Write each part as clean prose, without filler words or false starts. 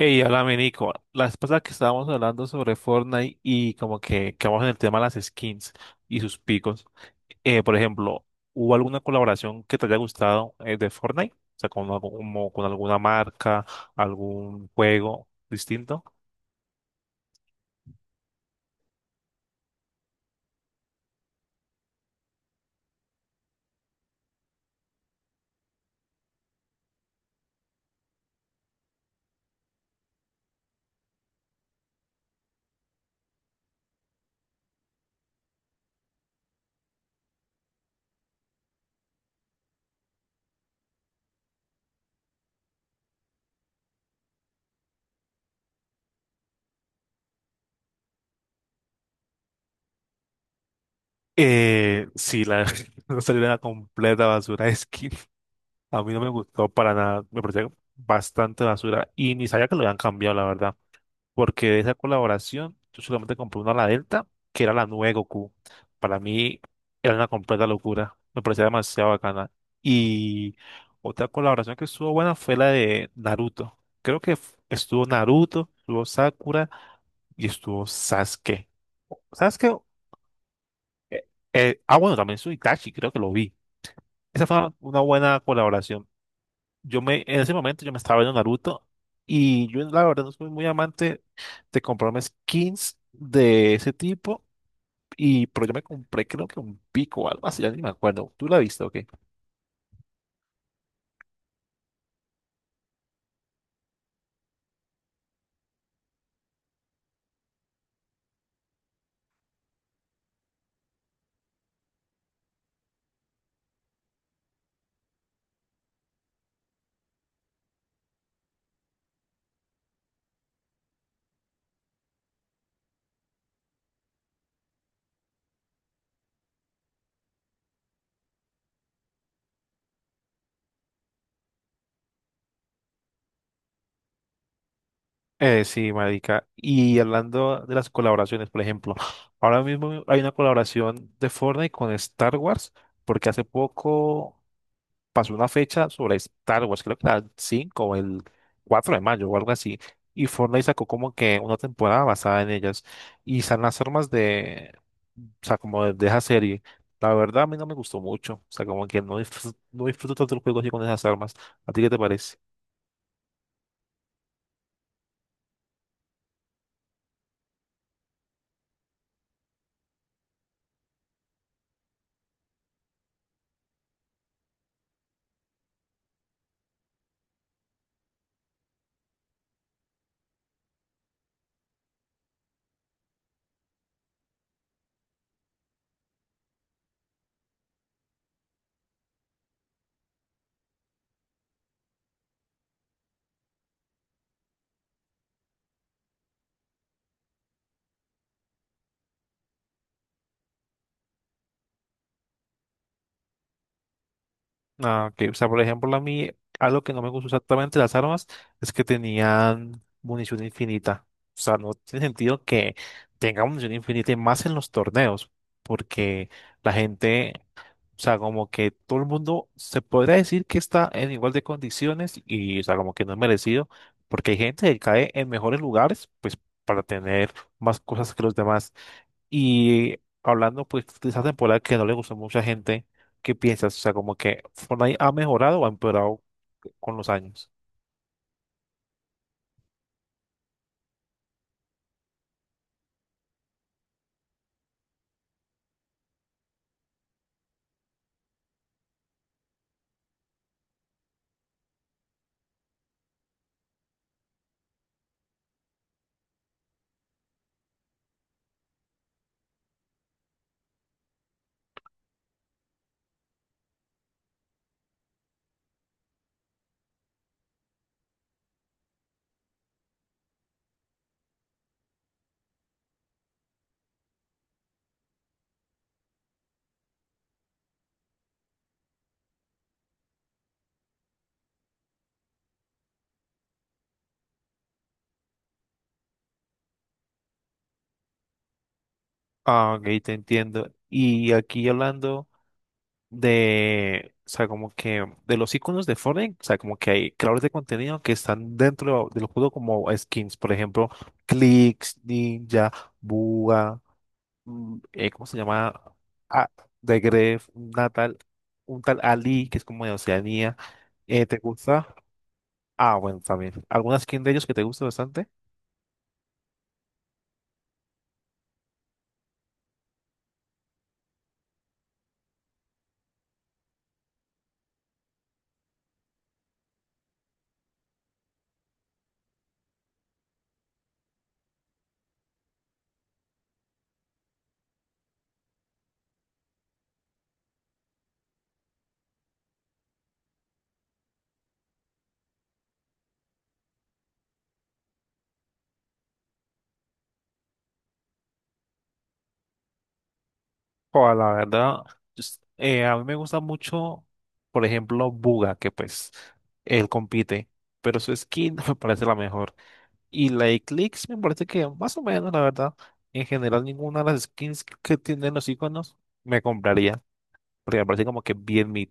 Hey, háblame Nico. La vez pasada que estábamos hablando sobre Fortnite y como que quedamos en el tema de las skins y sus picos. Por ejemplo, ¿hubo alguna colaboración que te haya gustado de Fortnite? O sea, como con alguna marca, algún juego distinto. Sí, no salió una completa basura de skins. A mí no me gustó para nada, me parecía bastante basura y ni sabía que lo habían cambiado, la verdad, porque de esa colaboración yo solamente compré una la Delta, que era la nueva Goku. Para mí era una completa locura, me parecía demasiado bacana. Y otra colaboración que estuvo buena fue la de Naruto. Creo que estuvo Naruto, estuvo Sakura y estuvo Sasuke. ¿Sabes qué? Eh, bueno, también su Itachi, creo que lo vi. Esa fue una buena colaboración. En ese momento yo me estaba viendo Naruto y yo la verdad no soy muy amante de comprarme skins de ese tipo, pero yo me compré creo que un pico o algo así, ya ni me acuerdo. ¿Tú la viste o qué? Sí, marica. Y hablando de las colaboraciones, por ejemplo, ahora mismo hay una colaboración de Fortnite con Star Wars porque hace poco pasó una fecha sobre Star Wars. Creo que era el 5 o el 4 de mayo o algo así, y Fortnite sacó como que una temporada basada en ellas y están las armas de, o sea, como de esa serie. La verdad a mí no me gustó mucho, o sea, como que no disfruto tanto el juego así con esas armas. ¿A ti qué te parece? Ah, ok. O sea, por ejemplo, a mí algo que no me gustó exactamente de las armas es que tenían munición infinita. O sea, no tiene sentido que tenga munición infinita y más en los torneos, porque la gente, o sea, como que todo el mundo se podría decir que está en igual de condiciones y, o sea, como que no es merecido, porque hay gente que cae en mejores lugares, pues, para tener más cosas que los demás. Y hablando pues de esa temporada que no le gustó a mucha gente, ¿qué piensas? O sea, como que Fortnite ha mejorado o ha empeorado con los años. Ah, ok, te entiendo. Y aquí hablando de, o sea, como que de los iconos de Fortnite, o sea, como que hay creadores de contenido que están dentro de los juegos como skins, por ejemplo, Clix, Ninja, Buga, ¿cómo se llama? Ah, The Gref, un tal Ali, que es como de Oceanía. ¿Te gusta? Ah, bueno, también. ¿Alguna skin de ellos que te guste bastante? O la verdad, a mí me gusta mucho, por ejemplo, Buga, que pues él compite, pero su skin no me parece la mejor. Y la de Clix me parece que más o menos, la verdad, en general ninguna de las skins que tienen los iconos me compraría, porque me parece como que bien mid.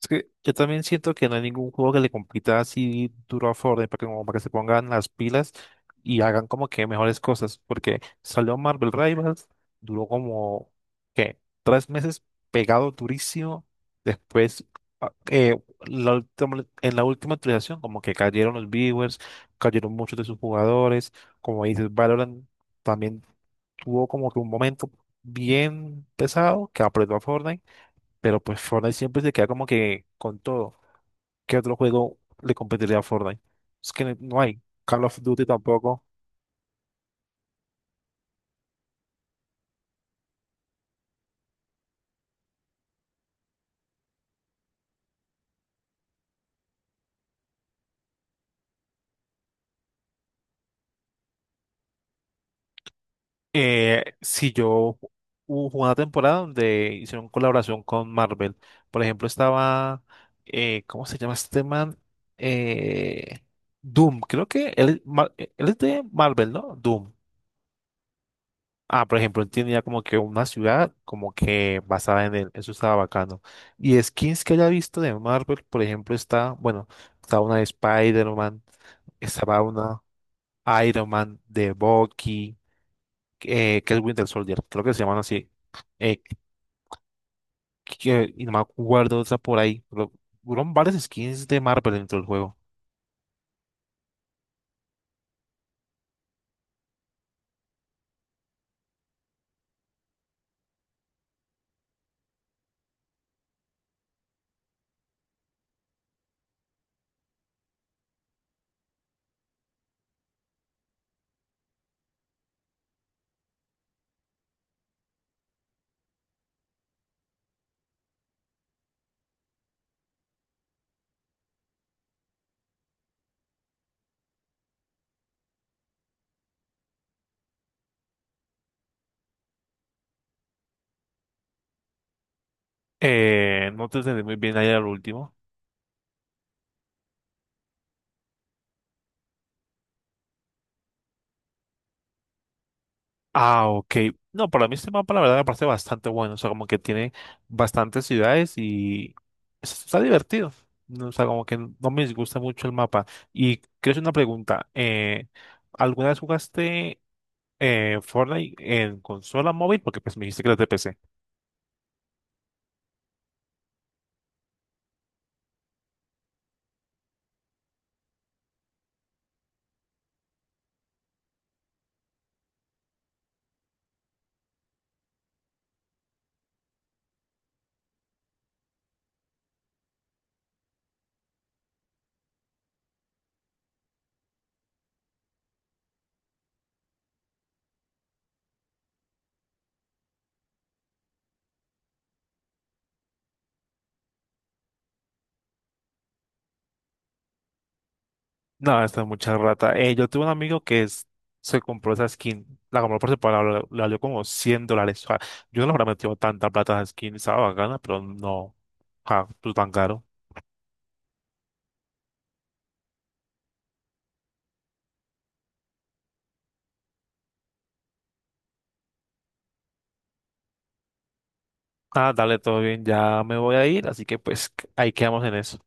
Es que yo también siento que no hay ningún juego que le compita así duro a Fortnite para que, como para que se pongan las pilas y hagan como que mejores cosas. Porque salió Marvel Rivals, duró como, ¿qué? 3 meses pegado durísimo. Después, ah, eh, en la última actualización, como que cayeron los viewers, cayeron muchos de sus jugadores. Como dices, Valorant también tuvo como que un momento bien pesado que apretó a Fortnite, pero pues Fortnite siempre se queda como que con todo. ¿Qué otro juego le competiría a Fortnite? Es que no hay. Call of Duty tampoco. Si yo hubo una temporada donde hicieron colaboración con Marvel. Por ejemplo, estaba, ¿cómo se llama este man? Eh, Doom, creo que él es de Marvel, ¿no? Doom. Ah, por ejemplo, él tenía como que una ciudad como que basada en él. Eso estaba bacano. Y skins que haya visto de Marvel, por ejemplo, está, bueno, está una de Spider-Man, estaba una Iron Man de Bucky, que es Winter Soldier, creo que se llaman así. Eh, y no me acuerdo otra por ahí. Pero, fueron varias skins de Marvel dentro del juego. No te entendí muy bien ahí al último. Ah, ok. No, para mí este mapa la verdad me parece bastante bueno. O sea, como que tiene bastantes ciudades y está divertido. No, o sea, como que no me disgusta mucho el mapa. Y quiero hacer una pregunta. ¿Alguna vez jugaste Fortnite en consola móvil? Porque pues me dijiste que era de PC. No, esta es mucha rata. Yo tuve un amigo se compró esa skin. La compró por separado, le valió como 100 dólares. O sea, yo no le habría metido tanta plata a esa skin. Estaba bacana, pero no. Ah, pues tan caro. Ah, dale, todo bien, ya me voy a ir, así que pues ahí quedamos en eso.